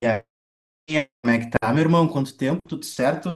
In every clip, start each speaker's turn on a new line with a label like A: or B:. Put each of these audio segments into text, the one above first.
A: E aí, como é que tá, meu irmão? Quanto tempo? Tudo certo?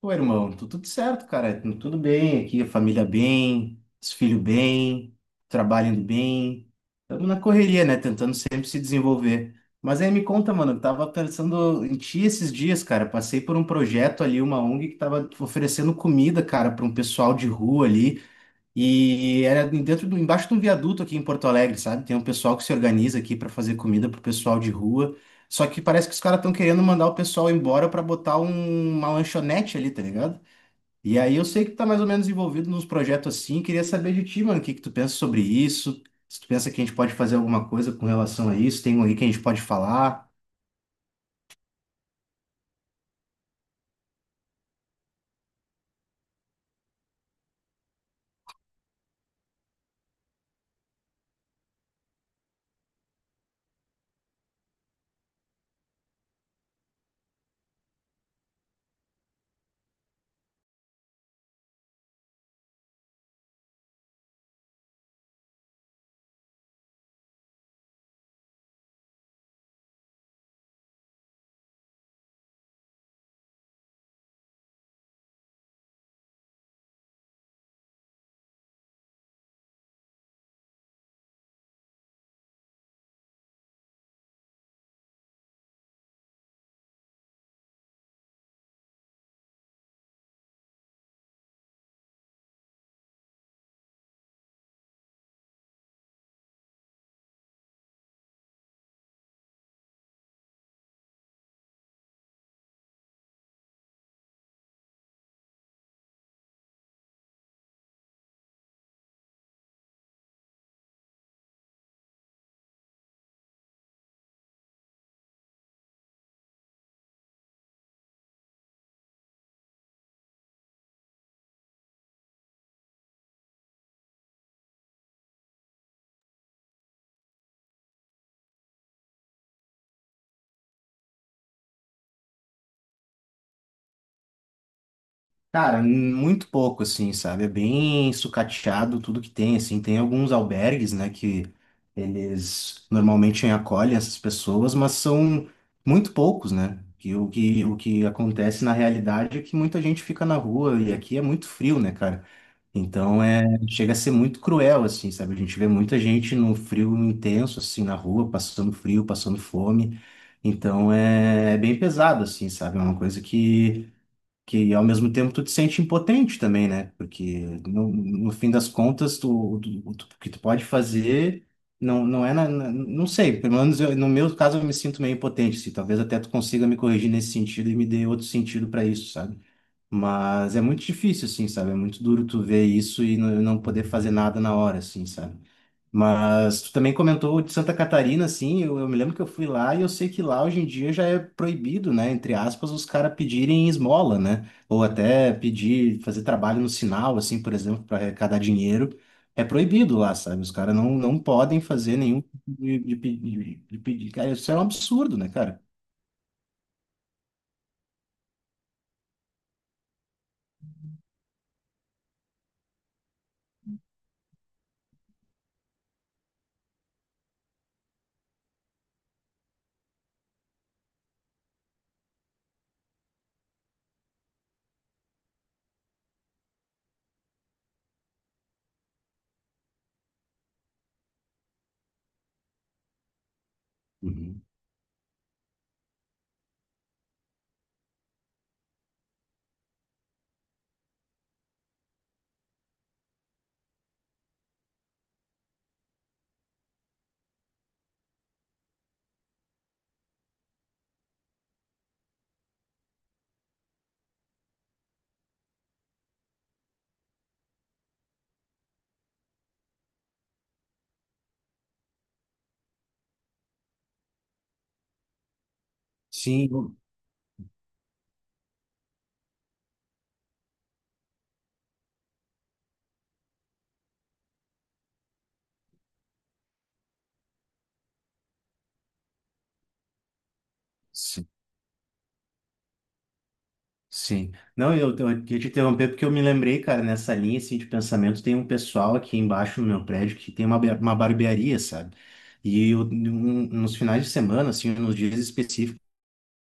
A: Pô, irmão, tudo certo, cara. Tudo bem aqui, a família bem, os filhos bem, trabalho indo bem. Estamos na correria, né? Tentando sempre se desenvolver. Mas aí me conta, mano, eu tava pensando em ti esses dias, cara. Passei por um projeto ali, uma ONG que tava oferecendo comida, cara, para um pessoal de rua ali. E era dentro embaixo de um viaduto aqui em Porto Alegre, sabe? Tem um pessoal que se organiza aqui para fazer comida pro pessoal de rua. Só que parece que os caras estão querendo mandar o pessoal embora para botar uma lanchonete ali, tá ligado? E aí eu sei que tu tá mais ou menos envolvido nos projetos assim. Queria saber de ti, mano, o que que tu pensa sobre isso? Se tu pensa que a gente pode fazer alguma coisa com relação a isso, tem alguém que a gente pode falar. Cara, muito pouco, assim, sabe? É bem sucateado tudo que tem, assim. Tem alguns albergues, né, que eles normalmente acolhem essas pessoas, mas são muito poucos, né? Que o que acontece na realidade é que muita gente fica na rua e aqui é muito frio, né, cara? Então é, chega a ser muito cruel, assim, sabe? A gente vê muita gente no frio intenso, assim, na rua, passando frio, passando fome. Então é, é bem pesado, assim, sabe? É uma coisa que ao mesmo tempo tu te sente impotente também, né? Porque no fim das contas, o que tu pode fazer não é não sei, pelo menos no meu caso eu me sinto meio impotente, assim, talvez até tu consiga me corrigir nesse sentido e me dê outro sentido para isso, sabe? Mas é muito difícil, assim, sabe? É muito duro tu ver isso e não poder fazer nada na hora, assim, sabe? Mas tu também comentou de Santa Catarina, assim, eu me lembro que eu fui lá e eu sei que lá hoje em dia já é proibido, né, entre aspas, os caras pedirem esmola, né, ou até pedir, fazer trabalho no sinal, assim, por exemplo, para arrecadar dinheiro, é proibido lá, sabe, os caras não podem fazer nenhum tipo de pedir, cara, isso é um absurdo, né, cara? Uhum. Sim, eu- sim. Sim. Não, eu queria te interromper porque eu me lembrei, cara, nessa linha assim, de pensamento, tem um pessoal aqui embaixo no meu prédio que tem uma barbearia, sabe? E nos finais de semana, assim, nos dias específicos,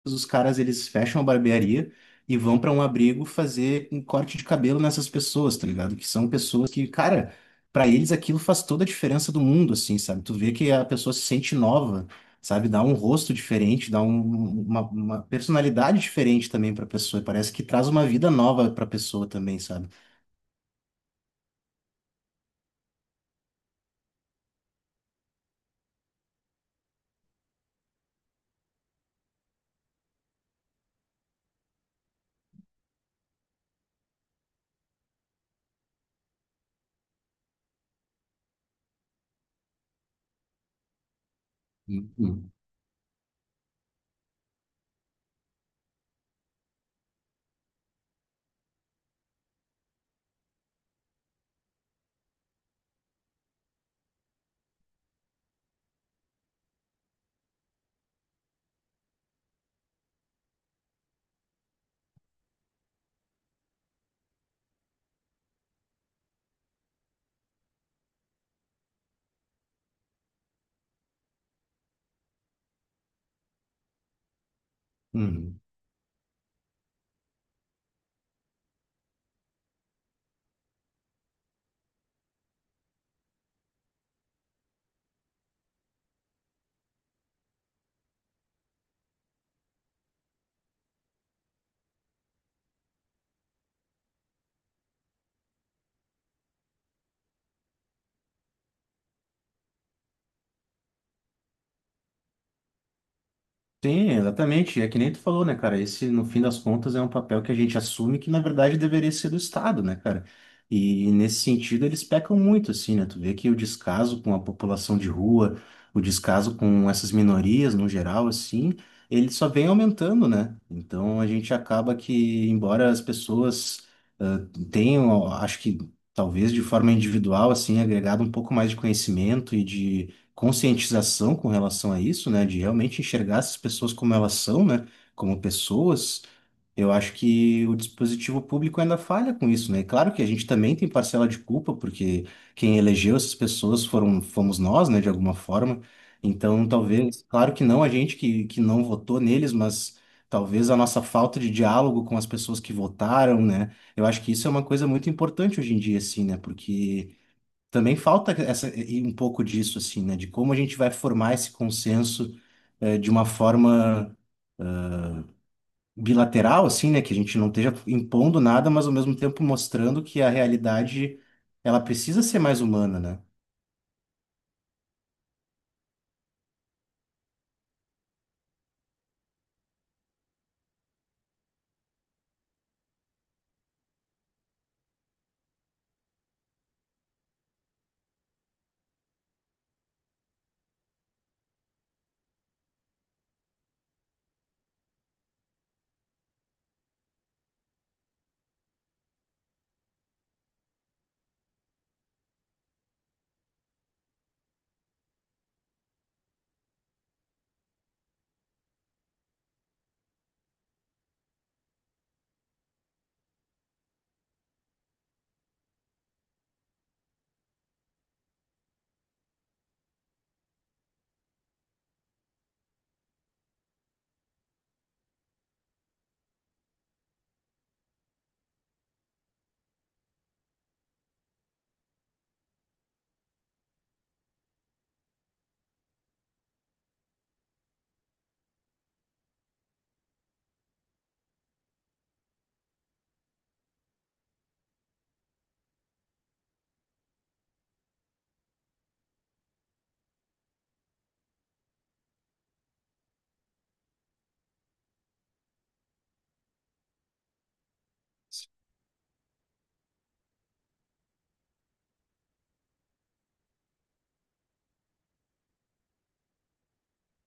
A: os caras eles fecham a barbearia e vão pra um abrigo fazer um corte de cabelo nessas pessoas, tá ligado? Que são pessoas que, cara, pra eles aquilo faz toda a diferença do mundo, assim, sabe? Tu vê que a pessoa se sente nova, sabe? Dá um rosto diferente, uma personalidade diferente também pra pessoa. Parece que traz uma vida nova pra pessoa também, sabe? Uhum. Uhum. Sim, exatamente. É que nem tu falou, né, cara? Esse, no fim das contas, é um papel que a gente assume que, na verdade, deveria ser do Estado, né, cara? E nesse sentido, eles pecam muito, assim, né? Tu vê que o descaso com a população de rua, o descaso com essas minorias no geral, assim, ele só vem aumentando, né? Então a gente acaba que, embora as pessoas ah, tenham, acho que talvez de forma individual, assim, agregado um pouco mais de conhecimento e de conscientização com relação a isso, né, de realmente enxergar essas pessoas como elas são, né, como pessoas, eu acho que o dispositivo público ainda falha com isso, né? Claro que a gente também tem parcela de culpa, porque quem elegeu essas pessoas foram, fomos nós, né, de alguma forma. Então, talvez, claro que não a gente que não votou neles, mas talvez a nossa falta de diálogo com as pessoas que votaram, né? Eu acho que isso é uma coisa muito importante hoje em dia, assim, né? Porque também falta essa, e um pouco disso, assim, né? De como a gente vai formar esse consenso de uma forma bilateral, assim, né? Que a gente não esteja impondo nada, mas ao mesmo tempo mostrando que a realidade, ela precisa ser mais humana, né?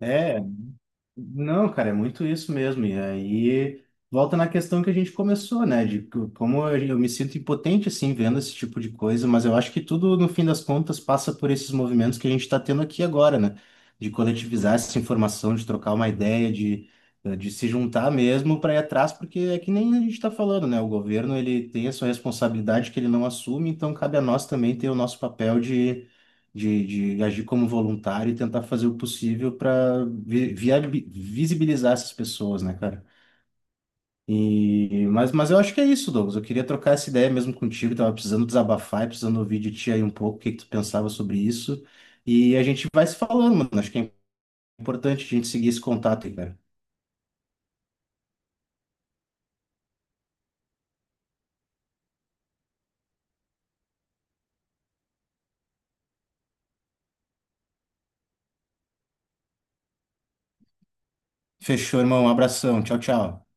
A: é Não, cara, é muito isso mesmo. E aí volta na questão que a gente começou, né? Como eu me sinto impotente assim vendo esse tipo de coisa, mas eu acho que tudo no fim das contas passa por esses movimentos que a gente está tendo aqui agora, né? De coletivizar essa informação, de trocar uma ideia, de se juntar mesmo para ir atrás, porque é que nem a gente está falando, né? O governo ele tem a sua responsabilidade que ele não assume, então cabe a nós também ter o nosso papel de agir como voluntário e tentar fazer o possível para vi visibilizar essas pessoas, né, cara? Mas eu acho que é isso, Douglas. Eu queria trocar essa ideia mesmo contigo. Tava precisando desabafar e precisando ouvir de ti aí um pouco o que que tu pensava sobre isso. E a gente vai se falando, mano. Acho que é importante a gente seguir esse contato aí, cara. Fechou, irmão. Um abração. Tchau, tchau.